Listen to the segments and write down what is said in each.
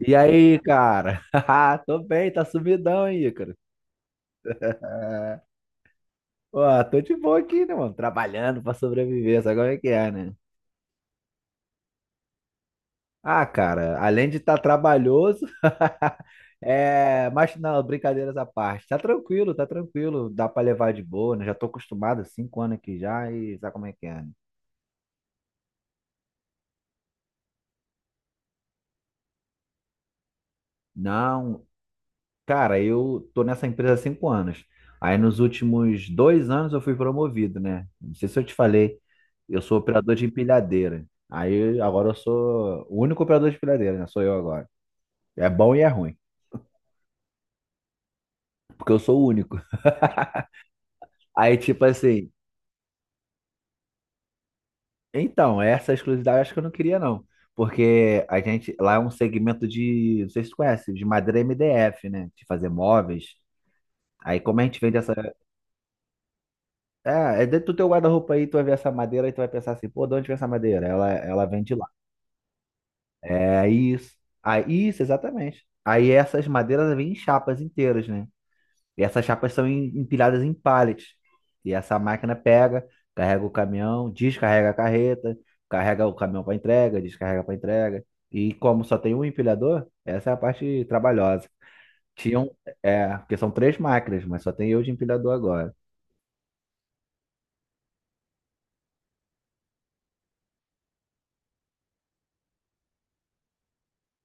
E aí, cara? Tô bem, tá sumidão aí, Ícaro. É. Ó, tô de boa aqui, né, mano? Trabalhando pra sobreviver, sabe como é que é, né? Ah, cara, além de estar trabalhoso, é. Mas não, brincadeiras à parte. Tá tranquilo, tá tranquilo. Dá pra levar de boa, né? Já tô acostumado há 5 anos aqui já e sabe como é que é, né? Não. Cara, eu tô nessa empresa há 5 anos. Aí nos últimos 2 anos eu fui promovido, né? Não sei se eu te falei, eu sou operador de empilhadeira. Aí agora eu sou o único operador de empilhadeira, né? Sou eu agora. É bom e é ruim, porque eu sou o único. Aí tipo assim, então, essa exclusividade eu acho que eu não queria não. Porque a gente, lá é um segmento de, não sei se tu conhece, de madeira MDF, né? De fazer móveis. Aí como a gente vende essa. É, é dentro do teu guarda-roupa aí, tu vai ver essa madeira e tu vai pensar assim, pô, de onde vem essa madeira? Ela vem de lá. É isso. Aí, isso, exatamente. Aí essas madeiras vêm em chapas inteiras, né? E essas chapas são empilhadas em pallets. E essa máquina pega, carrega o caminhão, descarrega a carreta, carrega o caminhão para entrega, descarrega para entrega. E como só tem um empilhador, essa é a parte trabalhosa. Tinham, é, porque são três máquinas, mas só tem eu de empilhador agora.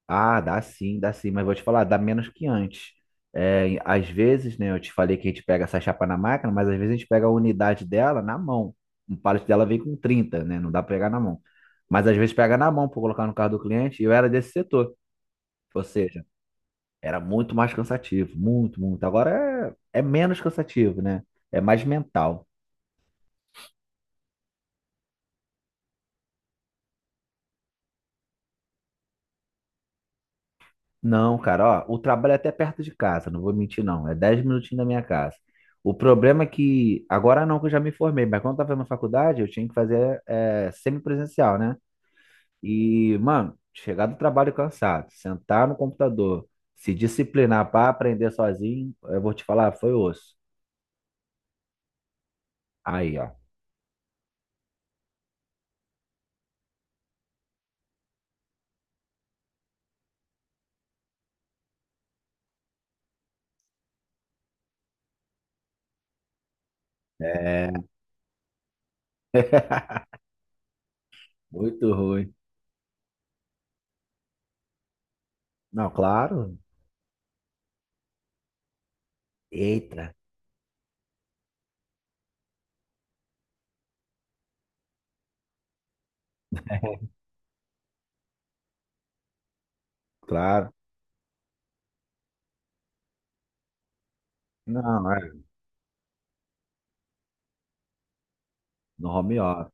Ah, dá sim, mas vou te falar, dá menos que antes. É, às vezes, né, eu te falei que a gente pega essa chapa na máquina, mas às vezes a gente pega a unidade dela na mão. Um pallet dela vem com 30, né? Não dá pra pegar na mão. Mas às vezes pega na mão para colocar no carro do cliente, e eu era desse setor. Ou seja, era muito mais cansativo, muito, muito. Agora é, é menos cansativo, né? É mais mental. Não, cara, ó, o trabalho é até perto de casa, não vou mentir não, é 10 minutinhos da minha casa. O problema é que, agora não que eu já me formei, mas quando eu tava na faculdade eu tinha que fazer é, semipresencial, né? E, mano, chegar do trabalho cansado, sentar no computador, se disciplinar para aprender sozinho, eu vou te falar, foi osso. Aí, ó, é muito ruim. Não, claro, eita, claro. Não, é, no home office.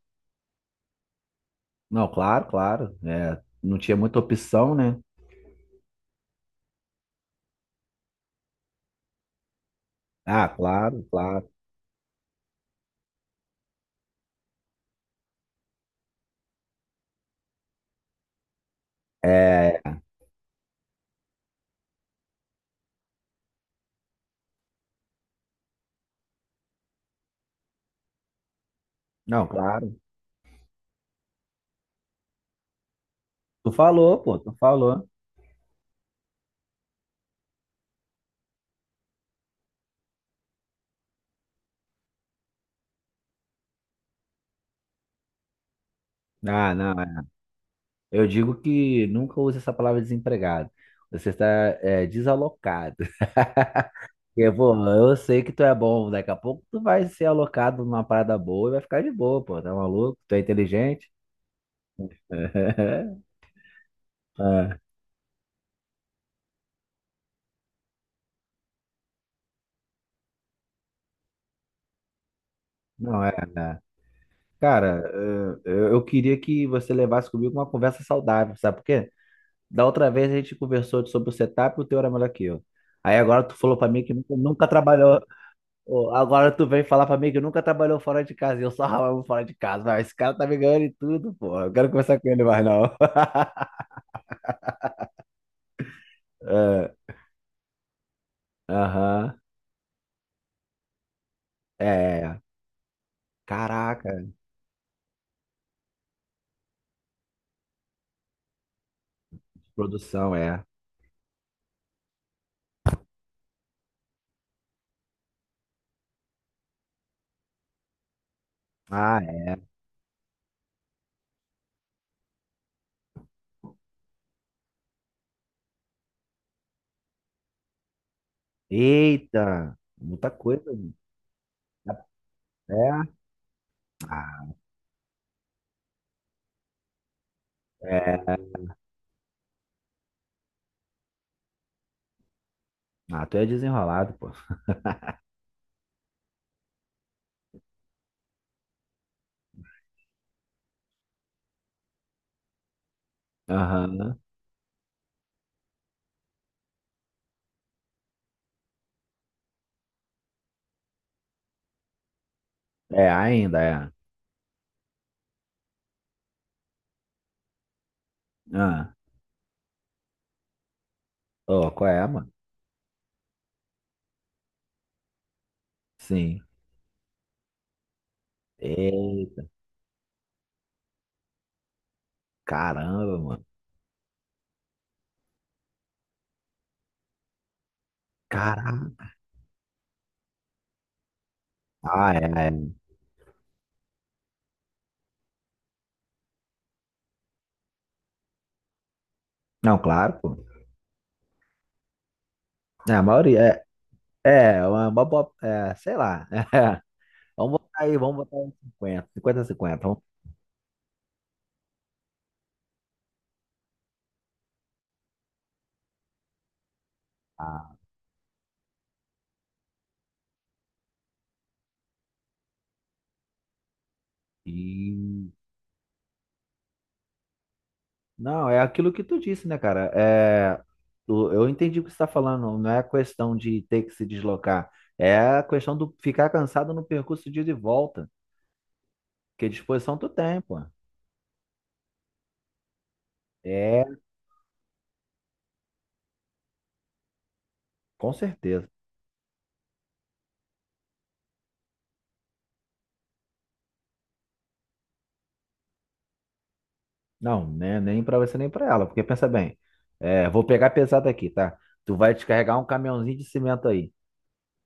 Não, claro, claro, é, não tinha muita opção, né? Ah, claro, claro. É, não, claro. Tu falou, pô, tu falou. Ah, não. É. Eu digo que nunca use essa palavra desempregado. Você está é, desalocado. Porque, pô, eu sei que tu é bom. Daqui a pouco tu vai ser alocado numa parada boa e vai ficar de boa, pô. Tá maluco? Tu é inteligente? É. Não é, né? Cara, eu queria que você levasse comigo uma conversa saudável, sabe por quê? Da outra vez a gente conversou sobre o setup e o teu era melhor que eu. Aí agora tu falou pra mim que nunca, nunca trabalhou. Ô, agora tu vem falar pra mim que nunca trabalhou fora de casa e eu só ralava fora de casa. Mas esse cara tá me ganhando em tudo, pô. Eu quero conversar com ele mais não. É. Aham. É. Caraca, produção, é. Ah, é. Eita, muita coisa, gente. É, ah, é. Ah, tu é desenrolado, pô. Aham. É, ainda é. Ah. Ô, qual é, mano? Sim. Caramba, mano. Caraca. Ah, é, é. Não, claro, pô. É, a maioria. É, é uma boa. É, sei lá. Vamos botar aí 50, 50, a 50. Vamos botar. E. Não, é aquilo que tu disse, né, cara? É, eu entendi o que você está falando. Não é questão de ter que se deslocar. É a questão do ficar cansado no percurso de ida e volta. Porque disposição tu tem, pô. É, com certeza. Não, né, nem pra você nem pra ela, porque pensa bem, é, vou pegar pesado aqui, tá? Tu vai descarregar um caminhãozinho de cimento aí,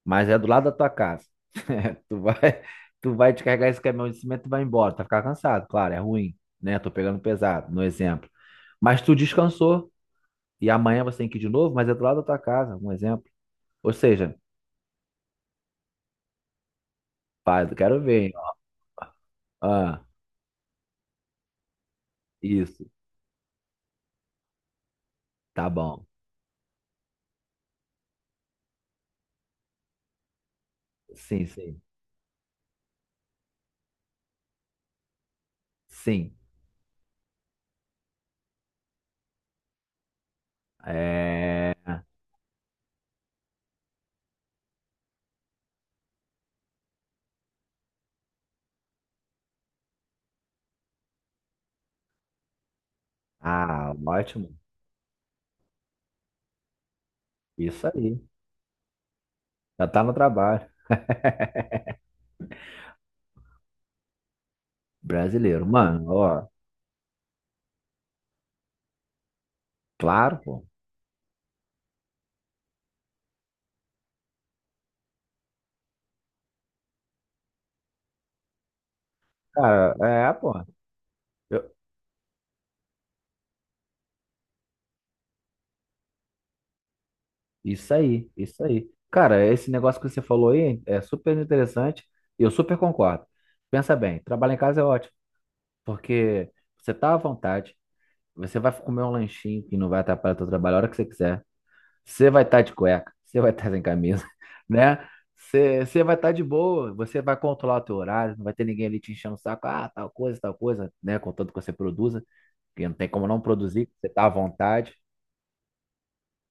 mas é do lado da tua casa. Tu vai, tu vai descarregar esse caminhão de cimento e vai embora, tu vai ficar cansado, claro, é ruim, né? Tô pegando pesado, no exemplo. Mas tu descansou e amanhã você tem que ir de novo, mas é do lado da tua casa, um exemplo. Ou seja, pai, eu quero ver, hein? Ó. Ah, isso, tá bom. Sim, sim, sim. É. Ah, ótimo. Isso aí. Já tá no trabalho. Brasileiro, mano, ó, claro, pô. Cara, é, pô. eu- isso aí, isso aí. Cara, esse negócio que você falou aí é super interessante e eu super concordo. Pensa bem, trabalhar em casa é ótimo, porque você tá à vontade, você vai comer um lanchinho que não vai atrapalhar o teu trabalho a hora que você quiser. Você vai estar de cueca, você vai estar sem camisa, né? Você vai estar de boa, você vai controlar o teu horário, não vai ter ninguém ali te enchendo o saco, ah, tal coisa, né? Contanto que você produza. Porque não tem como não produzir, você tá à vontade.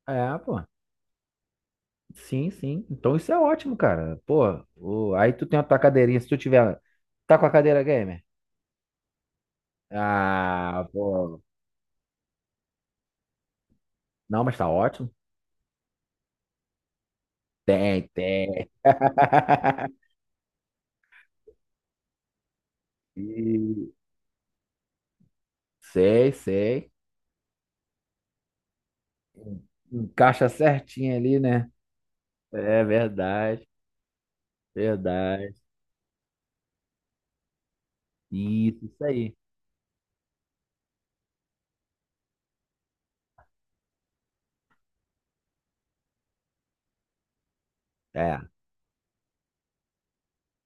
É, pô. Sim, sim. Então isso é ótimo, cara. Pô, aí tu tem a tua cadeirinha. Se tu tiver. Tá com a cadeira gamer? Ah, pô. Não, mas tá ótimo. Tem, tem. E- Sei, sei. Encaixa certinho ali, né? É verdade, verdade. Isso aí. É.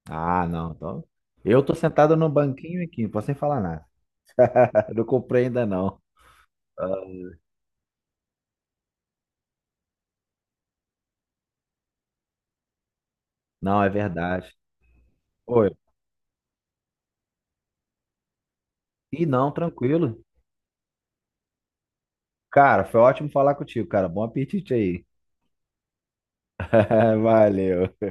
Ah, não. Então, eu tô sentado no banquinho aqui, não posso nem falar nada. Não comprei ainda, não. Não, é verdade. Oi. E não, tranquilo. Cara, foi ótimo falar contigo, cara. Bom apetite aí. Valeu.